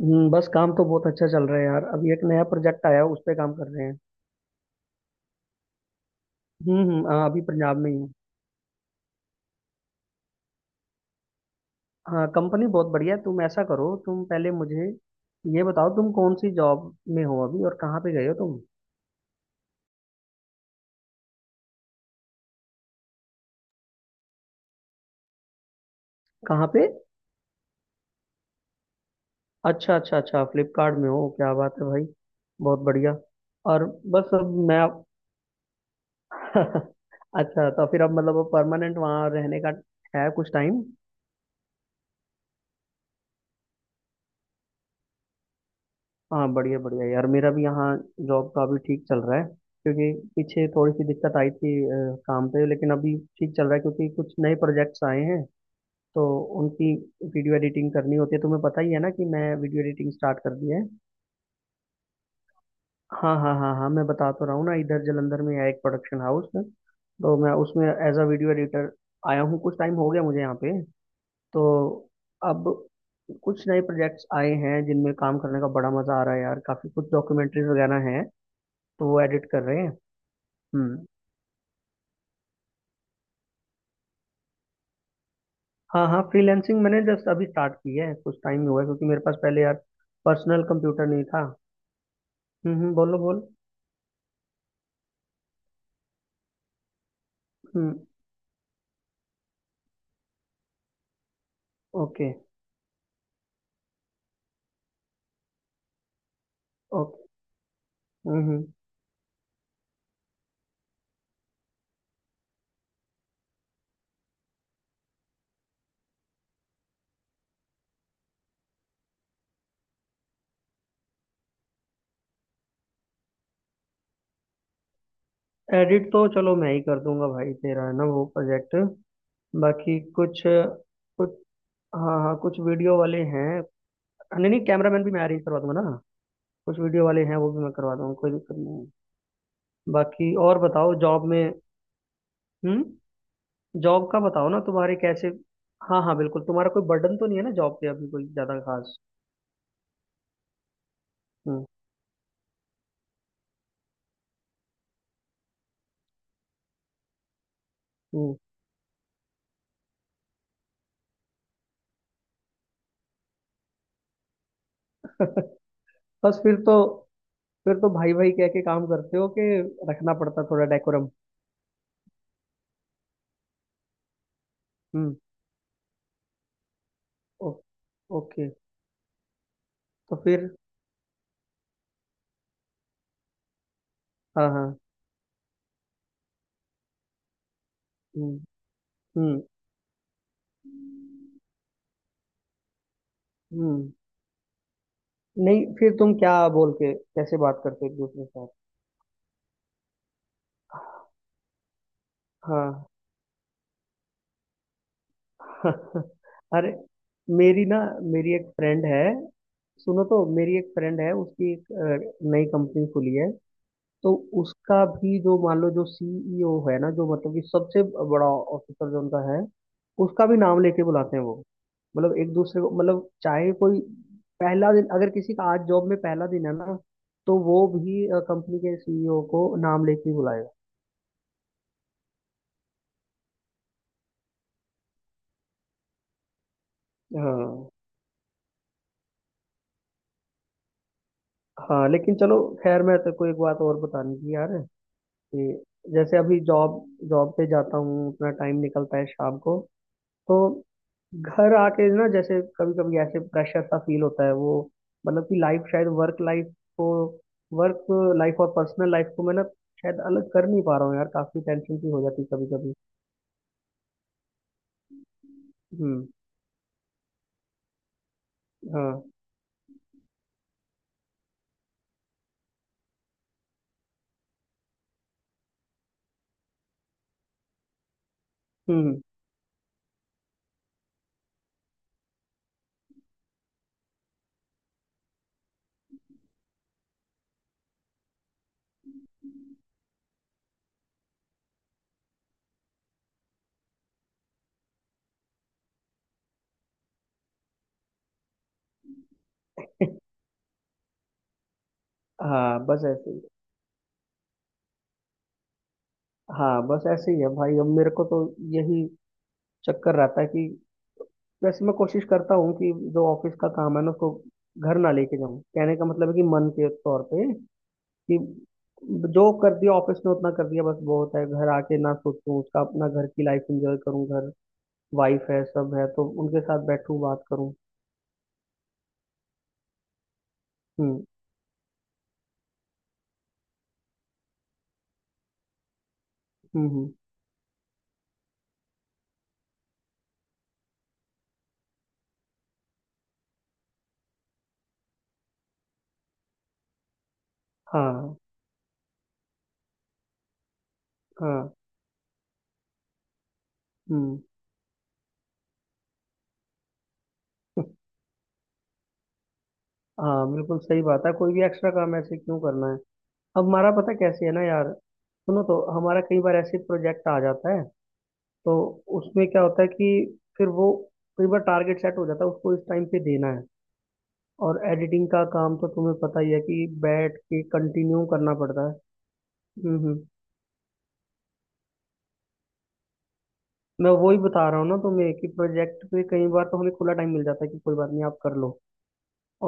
बस काम तो बहुत अच्छा चल रहा है यार। अभी एक नया प्रोजेक्ट आया है, उस पे काम कर रहे हैं। हम्म, हम्म, हाँ, अभी पंजाब में ही हूँ। हाँ, कंपनी बहुत बढ़िया है। तुम ऐसा करो, तुम पहले मुझे ये बताओ, तुम कौन सी जॉब में हो अभी और कहाँ पे गए हो तुम। कहाँ पे। अच्छा, अच्छा, अच्छा, फ्लिपकार्ट में हो, क्या बात है भाई। बहुत बढ़िया। और बस अब मैं। अच्छा, तो फिर अब मतलब परमानेंट वहाँ रहने का है कुछ टाइम। हाँ, बढ़िया, बढ़िया यार, मेरा भी यहाँ जॉब का अभी ठीक चल रहा है। क्योंकि पीछे थोड़ी सी दिक्कत आई थी काम पे, लेकिन अभी ठीक चल रहा है क्योंकि कुछ नए प्रोजेक्ट्स आए हैं। तो उनकी वीडियो एडिटिंग करनी होती है। तुम्हें पता ही है ना कि मैं वीडियो एडिटिंग स्टार्ट कर दी है। हाँ, हाँ, हाँ, हाँ, मैं बता तो रहा हूँ ना, इधर जलंधर में है एक प्रोडक्शन हाउस, तो मैं उसमें एज अ वीडियो एडिटर आया हूँ। कुछ टाइम हो गया मुझे यहाँ पे। तो अब कुछ नए प्रोजेक्ट्स आए हैं जिनमें काम करने का बड़ा मजा आ रहा है यार। काफी कुछ डॉक्यूमेंट्रीज वगैरह हैं, तो वो एडिट कर रहे हैं। हम्म। हाँ, हाँ, फ्रीलैंसिंग मैंने जस्ट अभी स्टार्ट की है, कुछ टाइम ही हुआ है, क्योंकि मेरे पास पहले यार पर्सनल कंप्यूटर नहीं था। हम्म, बोलो, बोल। हम्म। ओके। ओके। हम्म। हम्म। एडिट तो चलो मैं ही कर दूंगा भाई, तेरा है ना वो प्रोजेक्ट। बाकी कुछ कुछ। हाँ, हाँ, कुछ वीडियो वाले हैं। नहीं, नहीं, कैमरामैन भी मैं अरेंज करवा दूंगा ना। कुछ वीडियो वाले हैं, वो भी मैं करवा दूंगा, कोई दिक्कत नहीं है। बाकी और बताओ जॉब में। हम्म। जॉब का बताओ ना, तुम्हारे कैसे। हाँ, हाँ, बिल्कुल, तुम्हारा कोई बर्डन तो नहीं है ना जॉब पे अभी, कोई ज्यादा खास। हम्म हम्म बस फिर तो। फिर तो भाई भाई कह के काम करते हो, कि रखना पड़ता थोड़ा डेकोरम। हम्म। ओ, ओके, तो फिर। हाँ, हाँ, हम्म, हम्म, हम्म। नहीं फिर तुम क्या, बोल के कैसे बात करते हो एक दूसरे के साथ। हाँ। अरे, मेरी ना, मेरी एक फ्रेंड है। सुनो, तो मेरी एक फ्रेंड है, उसकी एक नई कंपनी खुली है। तो उसका भी जो मान लो, जो सीईओ है ना, जो मतलब कि सबसे बड़ा ऑफिसर जो उनका है, उसका भी नाम लेके बुलाते हैं वो। मतलब एक दूसरे को, मतलब चाहे कोई पहला दिन, अगर किसी का आज जॉब में पहला दिन है ना, तो वो भी कंपनी के सीईओ को नाम लेके ही बुलाएगा। हाँ, हाँ, लेकिन चलो खैर, मैं तेरे को एक बात और बतानी थी यार, कि जैसे अभी जॉब जॉब पे जाता हूँ, अपना टाइम निकलता है शाम को। तो घर आके ना, जैसे कभी कभी ऐसे प्रेशर सा फील होता है वो, मतलब कि लाइफ शायद, को वर्क लाइफ और पर्सनल लाइफ को मैं ना शायद अलग कर नहीं पा रहा हूँ यार, काफी टेंशन सी हो जाती है कभी कभी। हम्म। हाँ। हम्म। हाँ, बस ऐसे ही। हाँ, बस ऐसे ही है भाई, अब मेरे को तो यही चक्कर रहता है कि वैसे मैं कोशिश करता हूँ कि जो ऑफिस का काम है ना, उसको घर ना लेके जाऊँ। कहने का मतलब है कि मन के तौर पे, कि जो कर दिया ऑफिस में उतना कर दिया बस, बहुत है, घर आके ना सोचूं उसका, अपना घर की लाइफ एंजॉय करूं, घर वाइफ है, सब है, तो उनके साथ बैठूं, बात करूं। हम्म, हम्म, हाँ, हाँ, हम्म। हाँ, बिल्कुल सही बात है, कोई भी एक्स्ट्रा काम ऐसे क्यों करना है। अब हमारा पता कैसे है ना यार, सुनो, तो हमारा कई बार ऐसे प्रोजेक्ट आ जाता है, तो उसमें क्या होता है कि फिर वो, कई बार टारगेट सेट हो जाता है उसको इस टाइम पे देना है। और एडिटिंग का काम तो तुम्हें पता ही है कि बैठ के कंटिन्यू करना पड़ता है। हम्म, हम्म। मैं वही बता रहा हूँ ना तुम्हें कि प्रोजेक्ट पे कई बार तो हमें खुला टाइम मिल जाता है कि कोई बात नहीं, आप कर लो।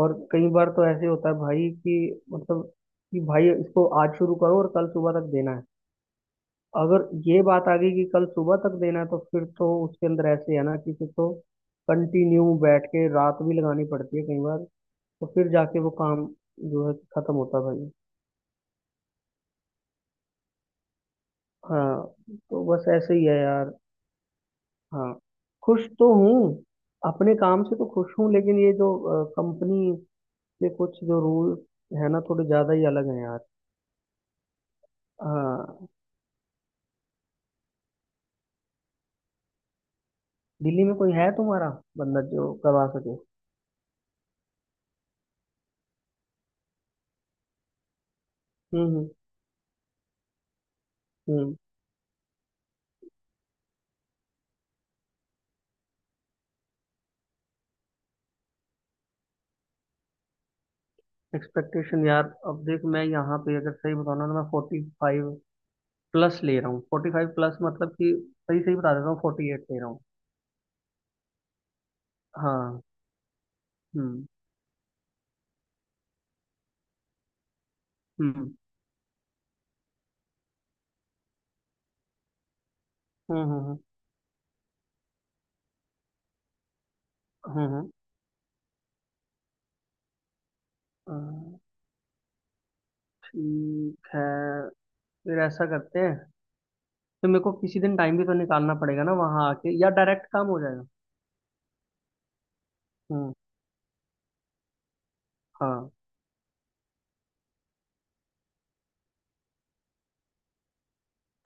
और कई बार तो ऐसे होता है भाई कि, मतलब कि भाई इसको आज शुरू करो और कल सुबह तक देना है। अगर ये बात आ गई कि कल सुबह तक देना है, तो फिर तो उसके अंदर ऐसे है ना कि फिर तो कंटिन्यू बैठ के रात भी लगानी पड़ती है कई बार, तो फिर जाके वो काम जो है खत्म होता है भाई। हाँ, तो बस ऐसे ही है यार। हाँ। खुश तो हूँ, अपने काम से तो खुश हूँ, लेकिन ये जो कंपनी के कुछ जो रूल है ना, थोड़े ज्यादा ही अलग हैं यार। हाँ। दिल्ली में कोई है तुम्हारा बंदा जो करवा सके? हम्म, हम्म, हम्म। एक्सपेक्टेशन यार, अब देख, मैं यहाँ पे अगर सही बताऊँ ना, मैं 45 प्लस ले रहा हूँ, 45 प्लस, मतलब कि, सही सही बता देता हूँ, 48 ले रहा हूँ। हाँ। हम्म, हम्म, हम्म, हम्म, हम्म, हम्म। ठीक है, फिर ऐसा करते हैं। तो मेरे को किसी दिन टाइम भी तो निकालना पड़ेगा ना वहां आके, या डायरेक्ट काम हो जाएगा? हम्म। हाँ,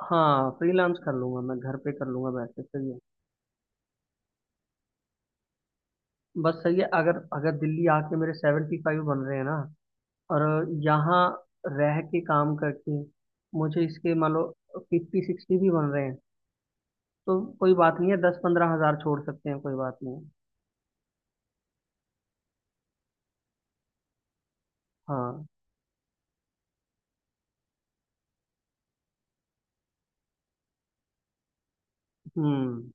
हाँ, फ्रीलांस कर लूंगा, मैं घर पे कर लूंगा बैठ के, सही है। बस, सही है, अगर अगर दिल्ली आके मेरे 75 बन रहे हैं ना, और यहाँ रह के काम करके मुझे इसके, मान लो, फिफ्टी सिक्सटी भी बन रहे हैं, तो कोई बात नहीं है, 10-15 हज़ार छोड़ सकते हैं, कोई बात नहीं है। हाँ। हम्म।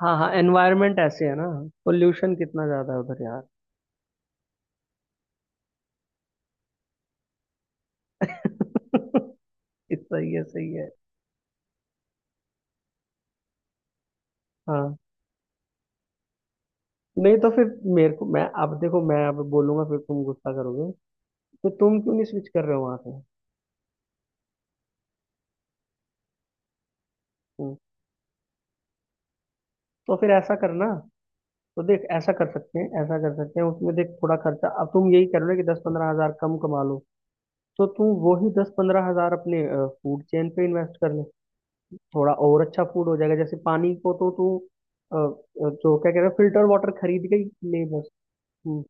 हाँ, हाँ, एनवायरनमेंट ऐसे है ना, पोल्यूशन कितना ज्यादा है उधर यार। सही है, सही है। हाँ। नहीं, तो फिर, मेरे को, मैं अब देखो, मैं अब बोलूंगा फिर तुम गुस्सा करोगे, तो तुम क्यों नहीं स्विच कर रहे हो वहां से? हम्म, तो फिर ऐसा करना, तो देख, ऐसा कर सकते हैं, ऐसा कर सकते हैं, उसमें देख थोड़ा खर्चा, अब तुम यही कर रहे हो ना कि 10-15 हज़ार कम कमा लो, तो तुम वही 10-15 हज़ार अपने फूड चेन पे इन्वेस्ट कर ले, थोड़ा और अच्छा फूड हो जाएगा। जैसे पानी को तो तू, जो क्या कह रहे हो, फिल्टर वाटर खरीद के ही ले बस। हम्म,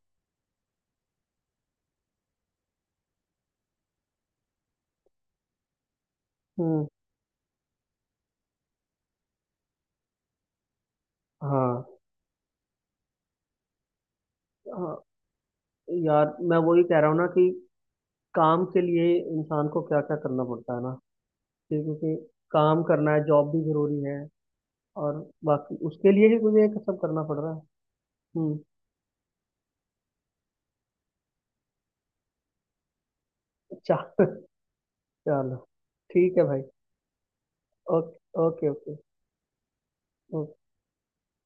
हम्म। हाँ, हाँ यार, मैं वही कह रहा हूँ ना कि काम के लिए इंसान को क्या क्या करना पड़ता है ना। देखो कि क्योंकि काम करना है, जॉब भी जरूरी है, और बाकी उसके लिए ही मुझे ये सब करना पड़ रहा है। हम्म। चा- चलो, ठीक है भाई, ओके, ओके, ओके।